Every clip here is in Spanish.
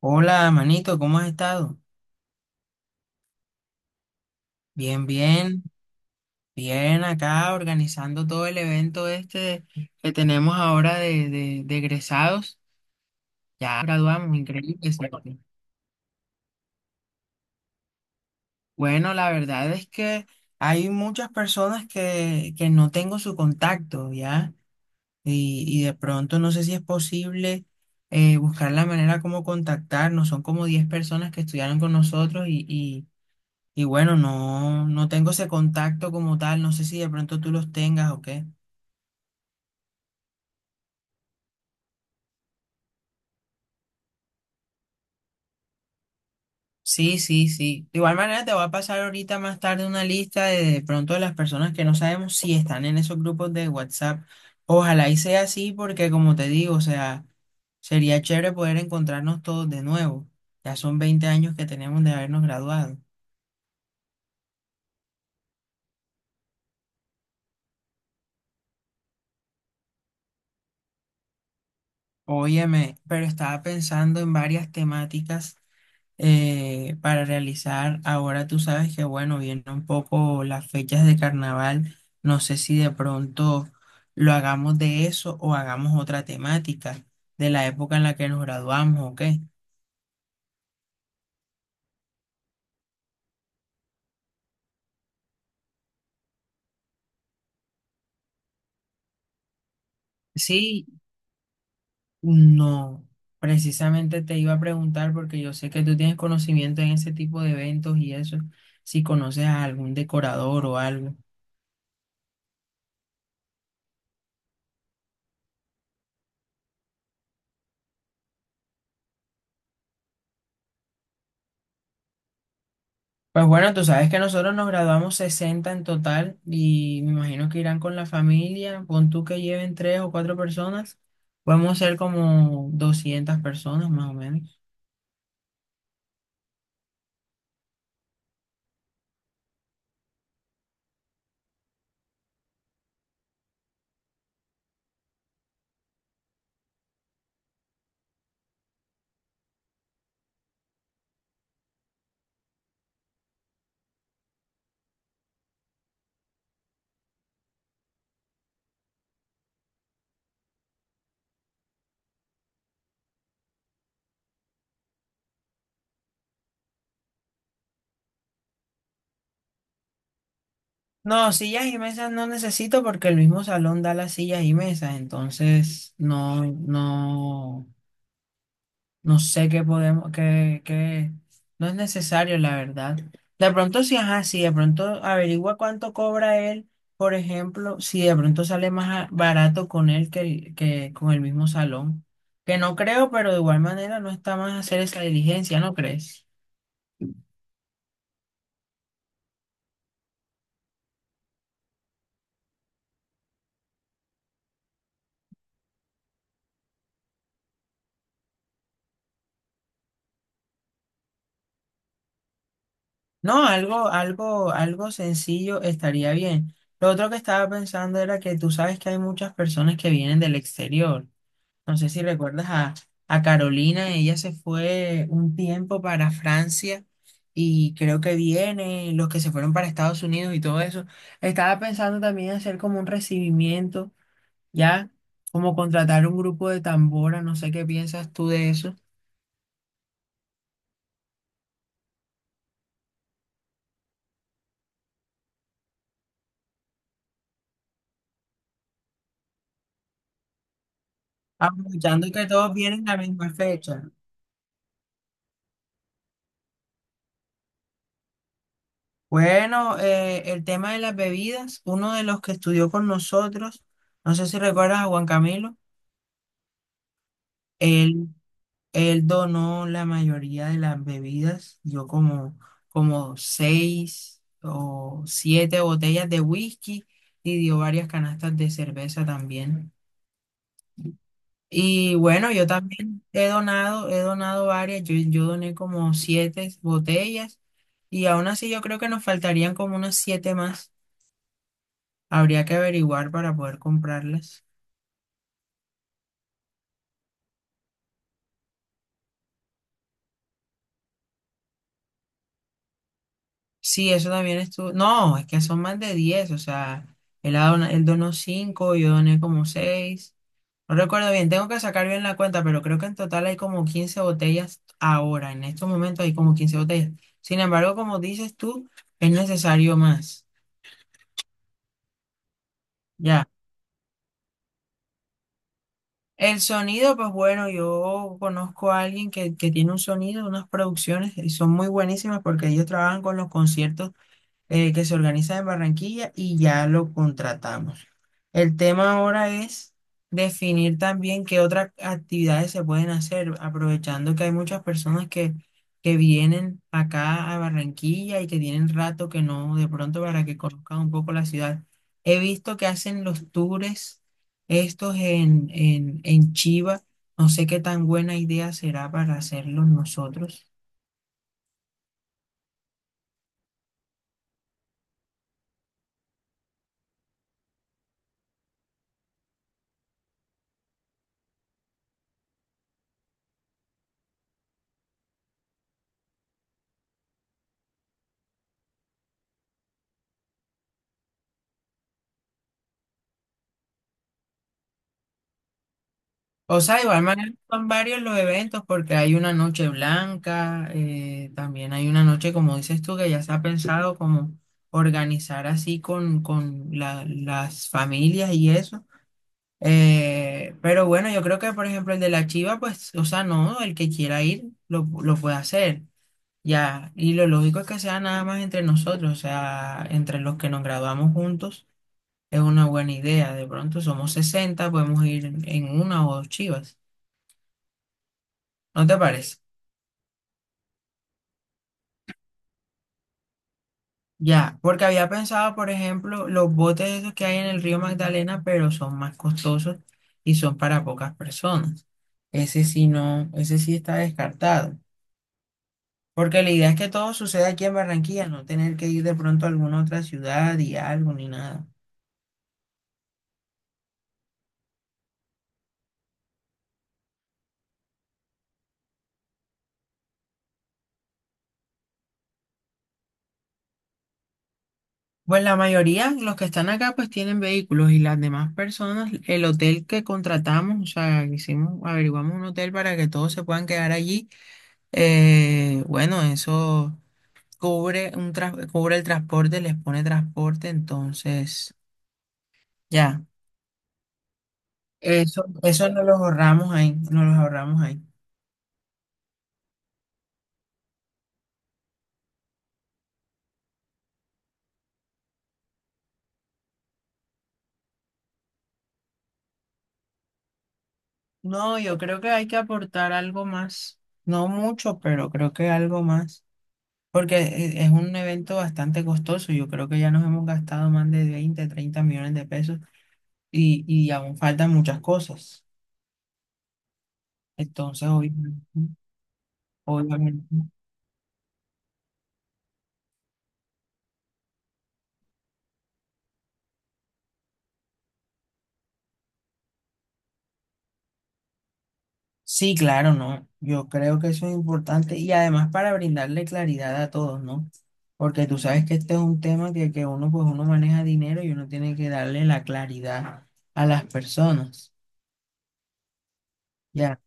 Hola, manito, ¿cómo has estado? Bien, bien, bien acá organizando todo el evento este que tenemos ahora de egresados. Ya graduamos, increíble. ¿Cierto? Bueno, la verdad es que hay muchas personas que no tengo su contacto, ¿ya? Y de pronto no sé si es posible buscar la manera como contactarnos. Son como 10 personas que estudiaron con nosotros Y bueno, no, no tengo ese contacto como tal, no sé si de pronto tú los tengas o qué. Sí, sí, sí. De igual manera te voy a pasar ahorita más tarde una lista de pronto de las personas que no sabemos si están en esos grupos de WhatsApp. Ojalá y sea así porque como te digo, o sea, sería chévere poder encontrarnos todos de nuevo. Ya son 20 años que tenemos de habernos graduado. Óyeme, pero estaba pensando en varias temáticas para realizar. Ahora tú sabes que, bueno, vienen un poco las fechas de carnaval. No sé si de pronto lo hagamos de eso o hagamos otra temática de la época en la que nos graduamos o qué. Sí, no. Precisamente te iba a preguntar porque yo sé que tú tienes conocimiento en ese tipo de eventos y eso, si conoces a algún decorador o algo. Pues bueno, tú sabes que nosotros nos graduamos 60 en total y me imagino que irán con la familia, pon tú que lleven tres o cuatro personas, podemos ser como 200 personas más o menos. No, sillas y mesas no necesito porque el mismo salón da las sillas y mesas, entonces no, no. No sé qué podemos, no es necesario, la verdad. De pronto sí, ajá, sí, de pronto averigua cuánto cobra él, por ejemplo, si de pronto sale más barato con él que, que con el mismo salón. Que no creo, pero de igual manera no está más hacer esa diligencia, ¿no crees? No, algo sencillo estaría bien. Lo otro que estaba pensando era que tú sabes que hay muchas personas que vienen del exterior. No sé si recuerdas a Carolina, ella se fue un tiempo para Francia y creo que viene, los que se fueron para Estados Unidos y todo eso. Estaba pensando también hacer como un recibimiento, ya, como contratar un grupo de tambora, no sé qué piensas tú de eso. Aprovechando que todos vienen a la misma fecha. Bueno, el tema de las bebidas, uno de los que estudió con nosotros, no sé si recuerdas a Juan Camilo. él Él donó la mayoría de las bebidas, dio como seis o siete botellas de whisky y dio varias canastas de cerveza también. Y bueno, yo también he donado varias, yo doné como siete botellas y aún así yo creo que nos faltarían como unas siete más. Habría que averiguar para poder comprarlas. Sí, eso también estuvo. No, es que son más de 10, o sea, él donó cinco, yo doné como seis. No recuerdo bien, tengo que sacar bien la cuenta, pero creo que en total hay como 15 botellas ahora. En estos momentos hay como 15 botellas. Sin embargo, como dices tú, es necesario más. Ya. El sonido, pues bueno, yo conozco a alguien que tiene un sonido, unas producciones y son muy buenísimas porque ellos trabajan con los conciertos que se organiza en Barranquilla y ya lo contratamos. El tema ahora es definir también qué otras actividades se pueden hacer, aprovechando que hay muchas personas que vienen acá a Barranquilla y que tienen rato que no, de pronto para que conozcan un poco la ciudad. He visto que hacen los tours estos en Chiva. No sé qué tan buena idea será para hacerlos nosotros. O sea, igual manera son varios los eventos porque hay una noche blanca, también hay una noche, como dices tú, que ya se ha pensado como organizar así con las familias y eso. Pero bueno, yo creo que por ejemplo el de la Chiva, pues, o sea, no, el que quiera ir lo puede hacer. Ya, y lo lógico es que sea nada más entre nosotros, o sea, entre los que nos graduamos juntos, es una buena idea. De pronto somos 60, podemos ir en una o dos chivas. ¿No te parece? Ya, porque había pensado, por ejemplo, los botes esos que hay en el río Magdalena, pero son más costosos y son para pocas personas. Ese sí no, ese sí está descartado. Porque la idea es que todo suceda aquí en Barranquilla, no tener que ir de pronto a alguna otra ciudad y algo ni nada. Pues la mayoría, los que están acá, pues tienen vehículos y las demás personas, el hotel que contratamos, o sea, hicimos, averiguamos un hotel para que todos se puedan quedar allí. Bueno, eso. Cubre el transporte, les pone transporte, entonces ya, eso no los ahorramos ahí, no los ahorramos ahí. No, yo creo que hay que aportar algo más, no mucho, pero creo que algo más, porque es un evento bastante costoso, yo creo que ya nos hemos gastado más de 20 30 millones de pesos y aún faltan muchas cosas, entonces obviamente. Sí, claro, ¿no? Yo creo que eso es importante y además para brindarle claridad a todos, ¿no? Porque tú sabes que este es un tema que uno, pues uno maneja dinero y uno tiene que darle la claridad a las personas, ¿ya?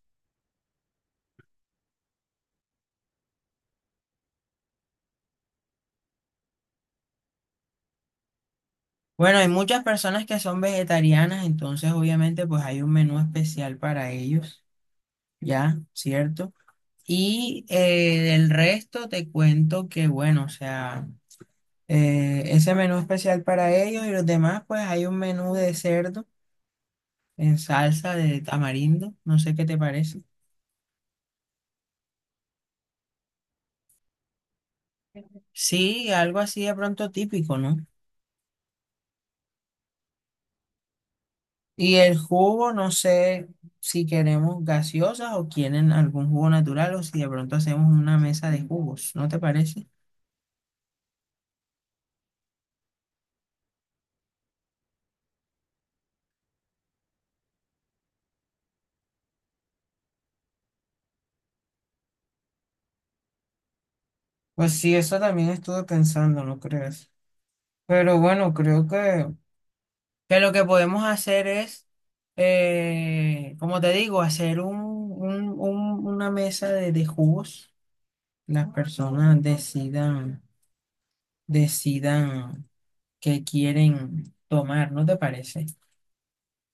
Bueno, hay muchas personas que son vegetarianas, entonces obviamente pues hay un menú especial para ellos, ¿ya? ¿Cierto? Y del resto te cuento que, bueno, o sea, ese menú especial para ellos y los demás, pues hay un menú de cerdo en salsa de tamarindo, no sé qué te parece. Sí, algo así de pronto típico, ¿no? Y el jugo, no sé si queremos gaseosas o quieren algún jugo natural o si de pronto hacemos una mesa de jugos, ¿no te parece? Pues sí, eso también estuve pensando, ¿no crees? Pero bueno, creo que lo que podemos hacer es, como te digo, hacer una mesa de jugos. Las personas decidan que quieren tomar, ¿no te parece?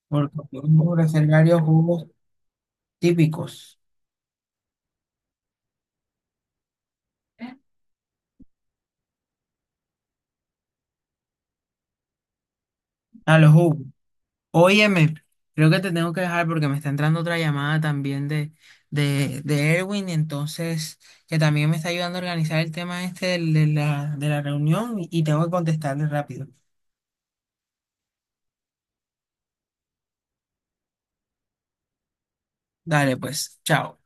Porque podemos hacer varios jugos típicos a los jugos. Óyeme, creo que te tengo que dejar porque me está entrando otra llamada también de Erwin, entonces, que también me está ayudando a organizar el tema este de la reunión y tengo que contestarle rápido. Dale, pues, chao.